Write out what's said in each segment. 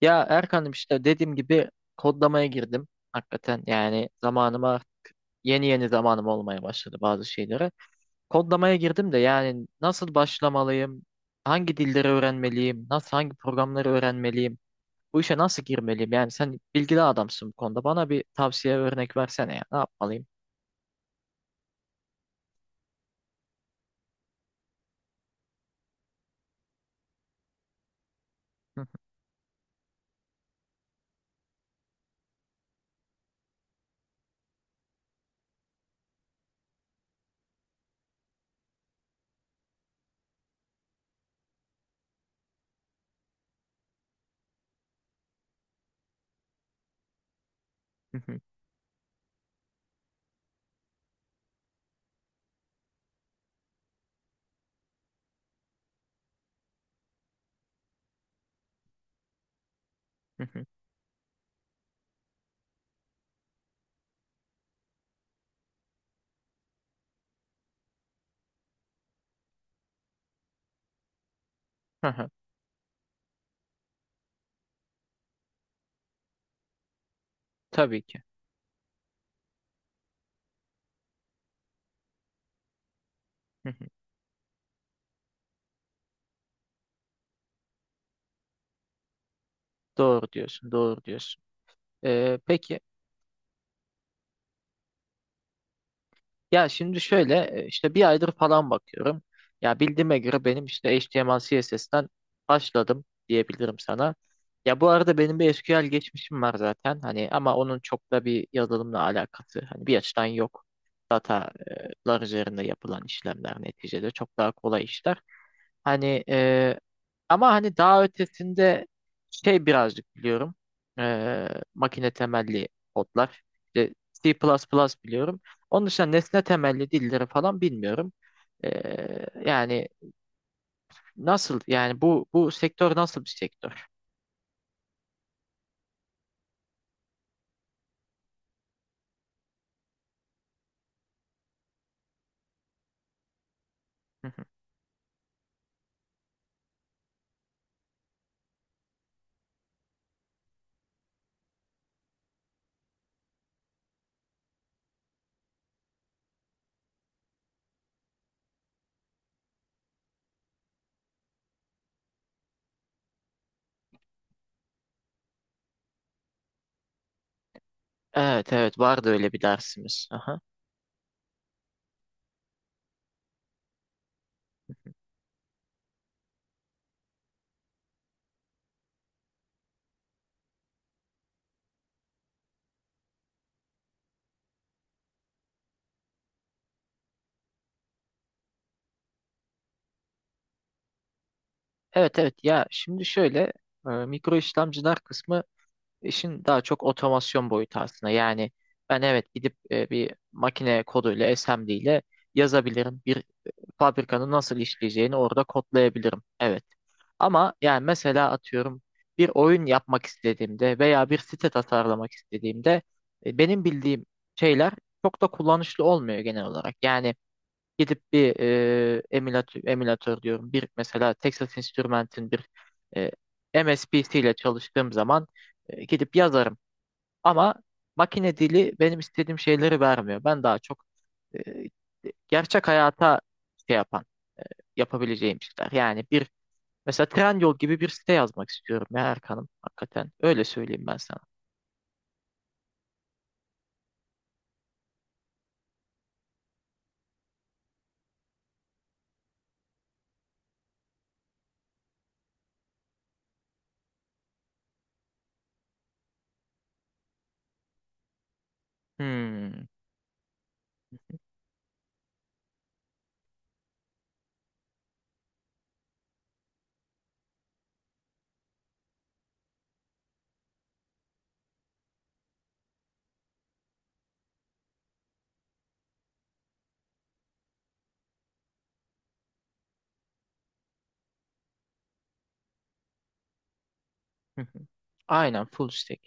Ya Erkan'ım işte dediğim gibi kodlamaya girdim. Hakikaten yani zamanıma yeni yeni zamanım olmaya başladı bazı şeylere. Kodlamaya girdim de yani nasıl başlamalıyım? Hangi dilleri öğrenmeliyim? Nasıl hangi programları öğrenmeliyim? Bu işe nasıl girmeliyim? Yani sen bilgili adamsın bu konuda. Bana bir tavsiye örnek versene ya. Ne yapmalıyım? Tabii ki. Doğru diyorsun, doğru diyorsun. Peki. Ya şimdi şöyle işte bir aydır falan bakıyorum. Ya bildiğime göre benim işte HTML CSS'ten başladım diyebilirim sana. Ya bu arada benim bir SQL geçmişim var zaten. Hani ama onun çok da bir yazılımla alakası hani bir açıdan yok. Datalar üzerinde yapılan işlemler neticede çok daha kolay işler. Hani e, ama hani daha ötesinde şey birazcık biliyorum. E, Makine temelli kodlar. İşte C++ biliyorum. Onun dışında nesne temelli dilleri falan bilmiyorum. Yani nasıl yani bu sektör nasıl bir sektör? Hı hı. Evet evet, vardı öyle bir dersimiz. Aha. Evet evet, ya şimdi şöyle, mikro işlemciler kısmı işin daha çok otomasyon boyutu aslında. Yani ben evet gidip bir makine koduyla SMD ile yazabilirim. Bir fabrikanın nasıl işleyeceğini orada kodlayabilirim. Evet. Ama yani mesela atıyorum bir oyun yapmak istediğimde veya bir site tasarlamak istediğimde benim bildiğim şeyler çok da kullanışlı olmuyor genel olarak. Yani gidip bir emülatör, emülatör diyorum, bir mesela Texas Instruments'in bir e, MSPC ile çalıştığım zaman gidip yazarım. Ama makine dili benim istediğim şeyleri vermiyor. Ben daha çok e, gerçek hayata şey yapan, yapabileceğim şeyler. Yani bir, mesela Trendyol gibi bir site yazmak istiyorum ya Erkan'ım, hakikaten. Öyle söyleyeyim ben sana. Hmm. Aynen, full stack.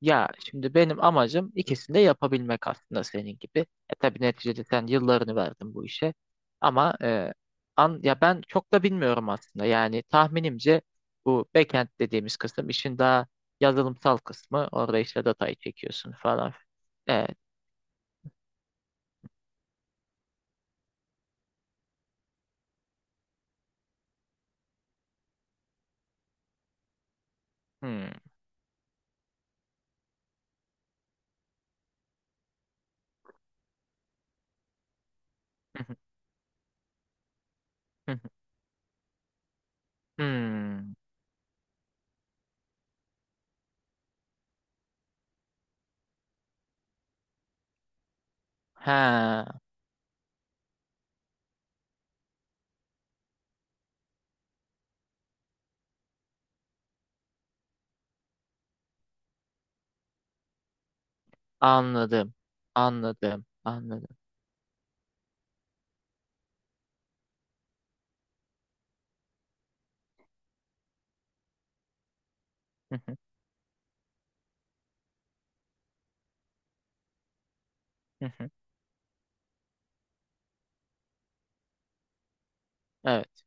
Ya şimdi benim amacım ikisini de yapabilmek aslında senin gibi. E tabii neticede sen yıllarını verdin bu işe. Ama ya ben çok da bilmiyorum aslında. Yani tahminimce bu backend dediğimiz kısım işin daha yazılımsal kısmı. Orada işte datayı çekiyorsun falan. Evet. Hmm. Hmm. He, anladım. Anladım. Anladım. Hı hı, hı hı. Evet.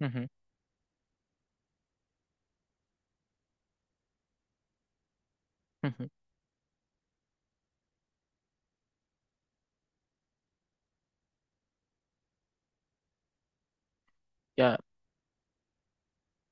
Hı hı, hı hı. Ya,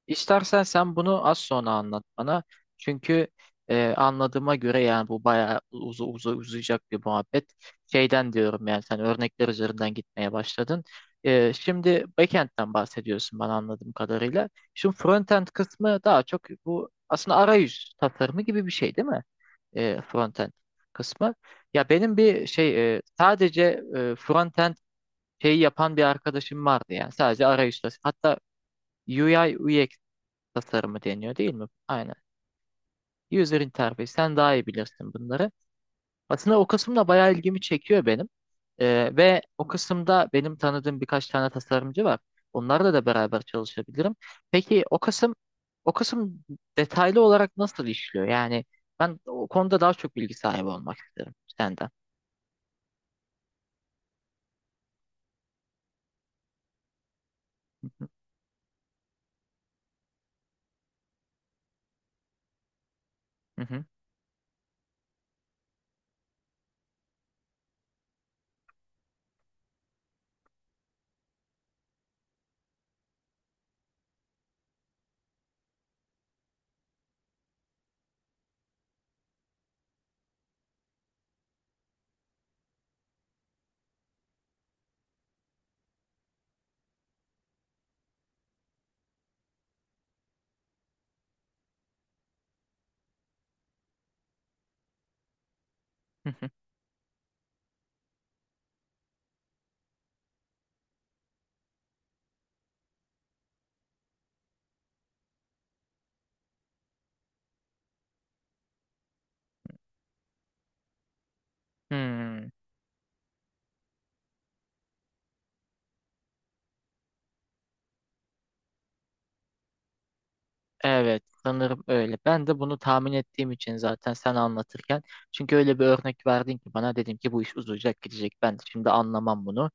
İstersen sen bunu az sonra anlat bana. Çünkü anladığıma göre yani bu bayağı uzayacak bir muhabbet. Şeyden diyorum, yani sen örnekler üzerinden gitmeye başladın. Şimdi backend'den bahsediyorsun bana, anladığım kadarıyla. Şimdi frontend kısmı daha çok bu aslında arayüz tasarımı gibi bir şey değil mi? Frontend kısmı. Ya benim bir şey, sadece frontend şeyi yapan bir arkadaşım vardı, yani sadece arayüz tasarımı. Hatta UI UX tasarımı deniyor değil mi? Aynen. User interface. Sen daha iyi bilirsin bunları. Aslında o kısım da bayağı ilgimi çekiyor benim. Ve o kısımda benim tanıdığım birkaç tane tasarımcı var. Onlarla da beraber çalışabilirim. Peki o kısım detaylı olarak nasıl işliyor? Yani ben o konuda daha çok bilgi sahibi olmak isterim senden. Hı hı, hı hı, hı hı. Hmm. Evet, sanırım öyle. Ben de bunu tahmin ettiğim için zaten sen anlatırken. Çünkü öyle bir örnek verdin ki bana, dedim ki bu iş uzayacak gidecek. Ben de şimdi anlamam bunu.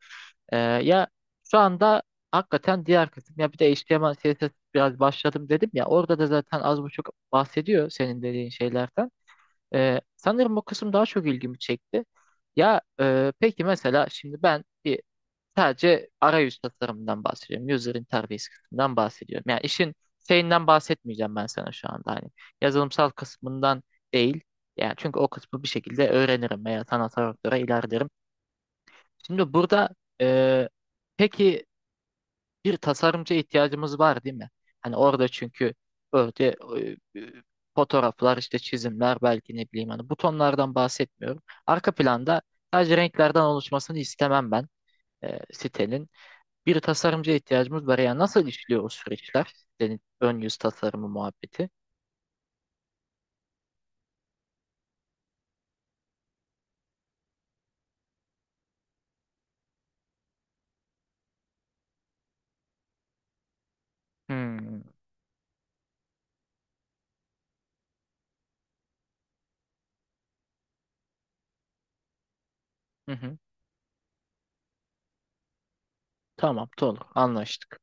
Ya şu anda hakikaten diğer kısım, ya bir de HTML CSS biraz başladım dedim ya, orada da zaten az buçuk bahsediyor senin dediğin şeylerden. Sanırım o kısım daha çok ilgimi çekti. Ya peki mesela şimdi ben bir, sadece arayüz tasarımından bahsediyorum. User interface kısmından bahsediyorum. Yani işin şeyinden bahsetmeyeceğim ben sana şu anda. Hani yazılımsal kısmından değil. Yani çünkü o kısmı bir şekilde öğrenirim veya sanatsal doktora ilerlerim. Şimdi burada, e, peki bir tasarımcıya ihtiyacımız var değil mi? Hani orada çünkü öyle e, e, fotoğraflar işte, çizimler, belki ne bileyim, hani butonlardan bahsetmiyorum. Arka planda sadece renklerden oluşmasını istemem ben, sitenin bir tasarımcıya ihtiyacımız var. Yani nasıl işliyor o süreçler? Yani ön yüz tasarımı muhabbeti. Hmm. Hı hı. Tamam, olur. Anlaştık.